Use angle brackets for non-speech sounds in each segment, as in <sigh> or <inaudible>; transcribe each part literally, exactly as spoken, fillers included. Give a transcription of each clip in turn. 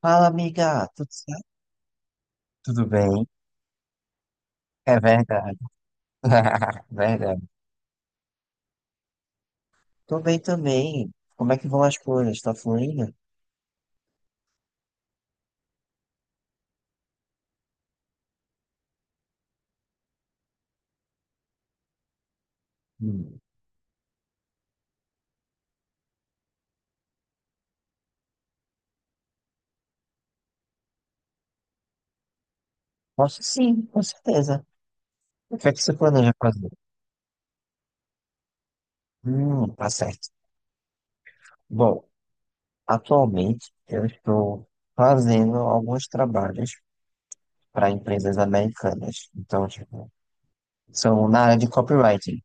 Fala, amiga, tudo certo? Tudo bem? É verdade. <laughs> Verdade. Tô bem também. Como é que vão as coisas? Tá fluindo? Hum. Posso sim, com certeza. O que é que você planeja fazer? Hum, tá certo. Bom, atualmente eu estou fazendo alguns trabalhos para empresas americanas. Então, tipo, são na área de copywriting.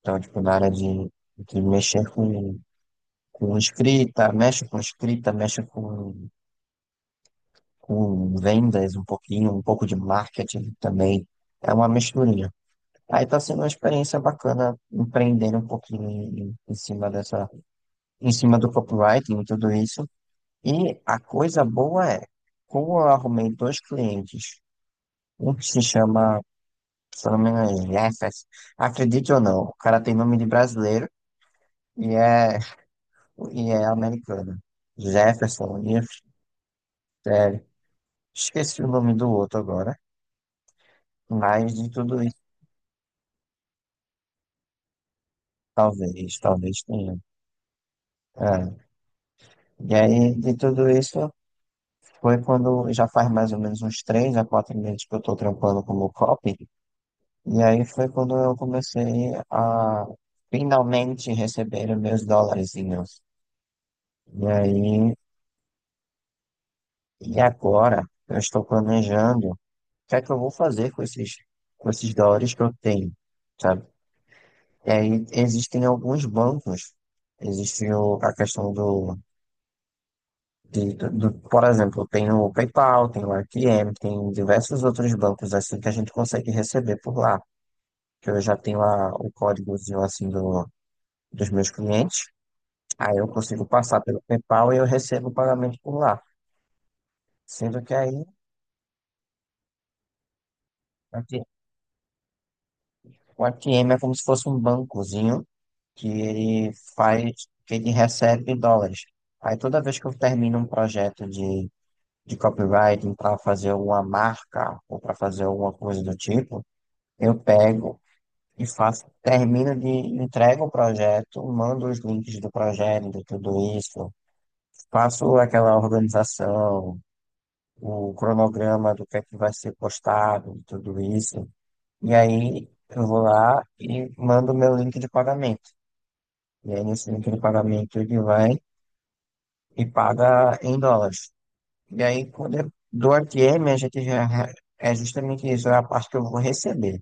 Então, tipo, na área de, de mexer com, com escrita, mexe com escrita, mexe com com vendas um pouquinho, um pouco de marketing também. É uma misturinha. Aí está sendo uma experiência bacana empreender um pouquinho em, em cima dessa, em cima do copywriting e tudo isso. E a coisa boa é, como eu arrumei dois clientes, um que se chama, se eu não me engano, Jeffers, acredite ou não, o cara tem nome de brasileiro e é, <laughs> e é americano. Jefferson, Jeff- é, esqueci o nome do outro agora, mas de tudo. Talvez, talvez tenha. É. E aí, de tudo isso, foi quando já faz mais ou menos uns três a quatro meses que eu tô trampando como copy. E aí foi quando eu comecei a finalmente receber os meus dólarzinhos. E aí, e agora eu estou planejando o que é que eu vou fazer com esses, com esses dólares que eu tenho, sabe? E aí existem alguns bancos. Existe o, a questão do de- do- do- Por exemplo, tem o PayPal, tem o R T M, tem diversos outros bancos assim que a gente consegue receber por lá. Que eu já tenho a, o códigozinho assim do, dos meus clientes. Aí eu consigo passar pelo PayPal e eu recebo o pagamento por lá. Sendo que aí aqui, o A T M é como se fosse um bancozinho que ele faz, que ele recebe dólares. Aí toda vez que eu termino um projeto de, de copywriting para fazer uma marca ou para fazer alguma coisa do tipo, eu pego. E faço, termino de entrego o projeto, mando os links do projeto, de tudo isso, faço aquela organização, o cronograma do que é que vai ser postado, de tudo isso. E aí eu vou lá e mando meu link de pagamento. E aí nesse link de pagamento ele vai e paga em dólares. E aí quando eu dou a T M, a gente já é justamente isso, é a parte que eu vou receber.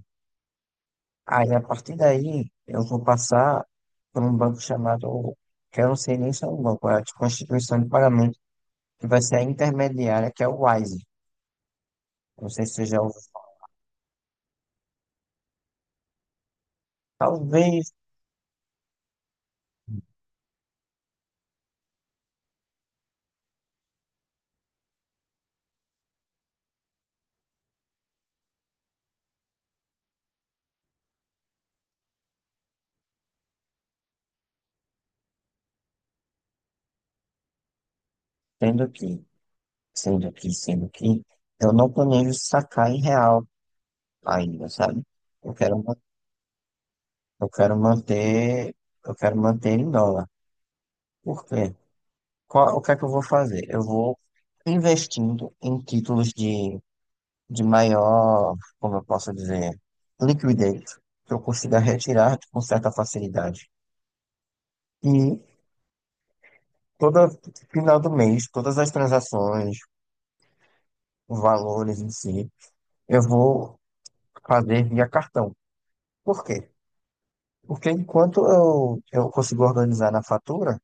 Aí, a partir daí, eu vou passar por um banco chamado, que eu não sei nem se é um banco, é tipo uma instituição de pagamento, que vai ser a intermediária, que é o Wise. Não sei se você já ouviu falar. Talvez. Sendo que, sendo que, sendo que, eu não planejo sacar em real ainda, sabe? Eu quero, ma- eu quero manter, eu quero manter em dólar. Por quê? Qual, o que é que eu vou fazer? Eu vou investindo em títulos de de maior, como eu posso dizer, liquidez, que eu consiga retirar com certa facilidade. E todo final do mês, todas as transações, valores em si, eu vou fazer via cartão. Por quê? Porque enquanto eu, eu consigo organizar na fatura,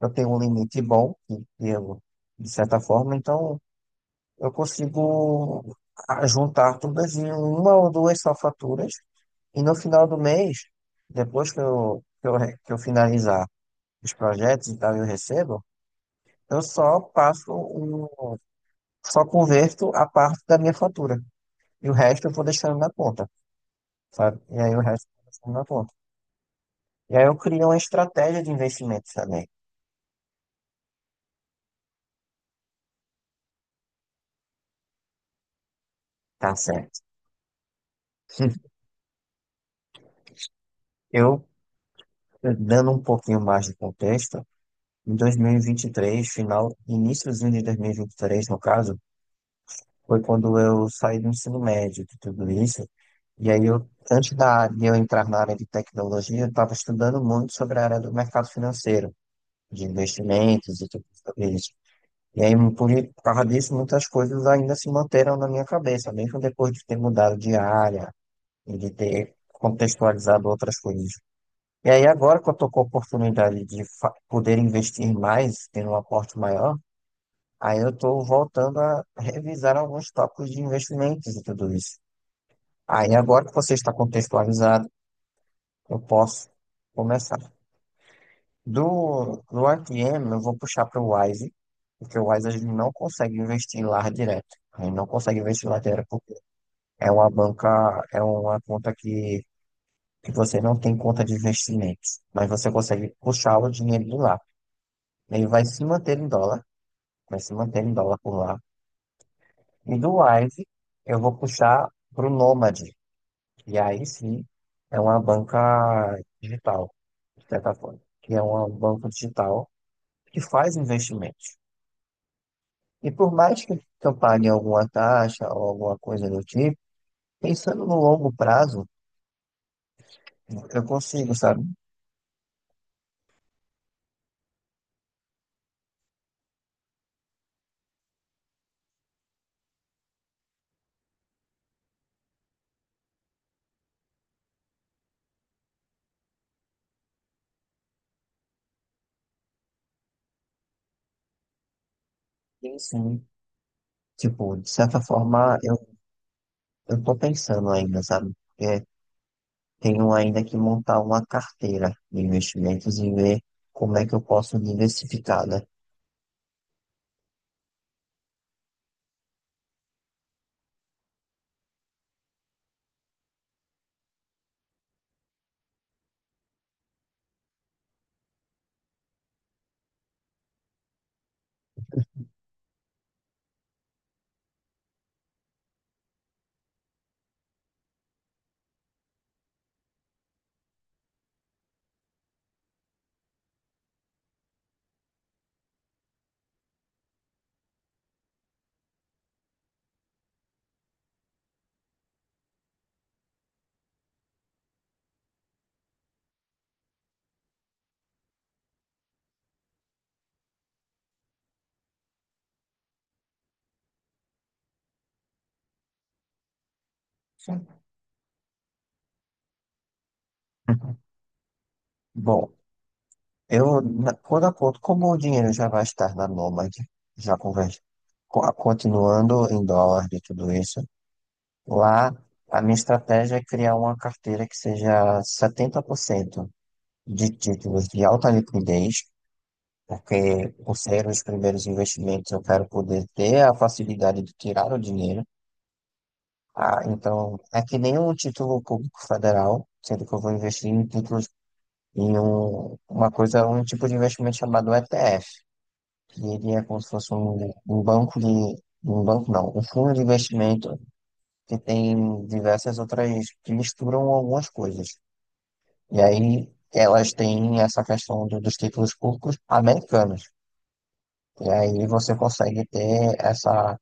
eu tenho um limite bom, que que eu, de certa forma, então eu consigo a- juntar todas em uma ou duas só faturas. E no final do mês, depois que eu, que eu, re- que eu finalizar os projetos e tal, eu recebo, eu só passo o só converto a parte da minha fatura. E o resto eu vou deixando na conta, sabe? E aí o resto eu vou deixando na conta. E aí eu crio uma estratégia de investimento também, tá certo? <laughs> Eu, dando um pouquinho mais de contexto, em dois mil e e vinte e três final, iníciozinho de dois mil e e vinte e três no caso, foi quando eu saí do ensino médio de tudo isso. E aí eu, antes da, de eu entrar na área de tecnologia, eu estava estudando muito sobre a área do mercado financeiro, de investimentos e tudo sobre isso. E aí, por causa disso, muitas coisas ainda se manteram na minha cabeça, mesmo depois de ter mudado de área e de ter contextualizado outras coisas. E aí, agora que eu estou com a oportunidade de fa- poder investir mais, ter um aporte maior, aí eu estou voltando a revisar alguns tópicos de investimentos e tudo isso. Aí, agora que você está contextualizado, eu posso começar. Do, do R T M, eu vou puxar para o Wise, porque o Wise a gente não consegue investir lá direto. A gente não consegue investir lá direto porque é uma banca, é uma conta que, que você não tem conta de investimentos, mas você consegue puxar o dinheiro de lá. Ele vai se manter em dólar, vai se manter em dólar por lá. E do Wise, eu vou puxar para o Nomad. E aí sim é uma banca digital, de certa forma, que é uma banco digital que faz investimentos. E por mais que eu pague alguma taxa ou alguma coisa do tipo, pensando no longo prazo, eu consigo, sabe? Sim, sim. Tipo, de certa forma, eu, eu tô pensando ainda, sabe? Porque tenho ainda que montar uma carteira de investimentos e ver como é que eu posso diversificar, né? Sim. <laughs> Bom, Eu, na- quando a conta, como o dinheiro já vai estar na Nomad, já conversa, co- continuando em dólar e tudo isso, lá a minha estratégia é criar uma carteira que seja setenta por cento de títulos de alta liquidez, porque por ser os primeiros investimentos eu quero poder ter a facilidade de tirar o dinheiro. Ah, então, é que nem um título público federal, sendo que eu vou investir em títulos em um, uma coisa, um tipo de investimento chamado E T F que ele é como se fosse um, um banco de. Um banco não, um fundo de investimento que tem diversas outras que misturam algumas coisas. E aí elas têm essa questão do- dos títulos públicos americanos. E aí você consegue ter essa.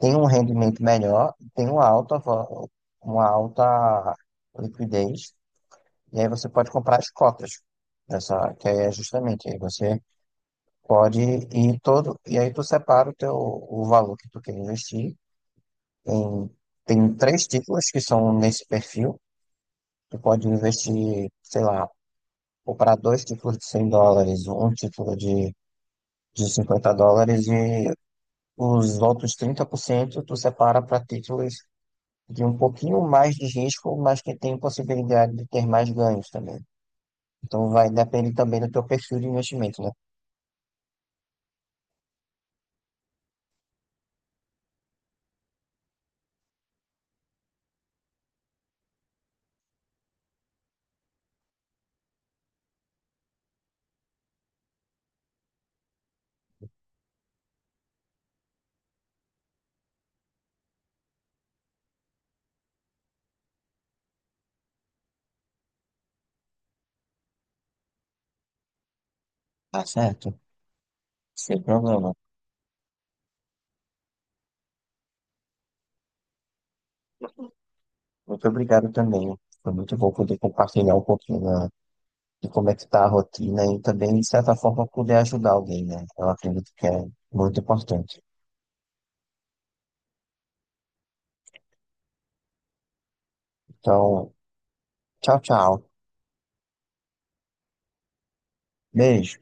Tem um rendimento melhor, tem uma alta, va- uma alta liquidez, e aí você pode comprar as cotas. Essa, que aí é justamente, aí você pode ir todo, e aí tu separa o teu, o valor que tu quer investir. Tem, tem três títulos que são nesse perfil. Tu pode investir, sei lá, comprar dois títulos de cem dólares, um título de, de cinquenta dólares e os outros trinta por cento tu separa para títulos de um pouquinho mais de risco, mas que tem possibilidade de ter mais ganhos também. Então vai depender também do teu perfil de investimento, né? Tá certo? Sem problema. Muito obrigado também. Foi muito bom poder compartilhar um pouquinho da de como é que tá a rotina e também, de certa forma, poder ajudar alguém, né? Eu acredito que é muito importante. Então, tchau, tchau. Beijo.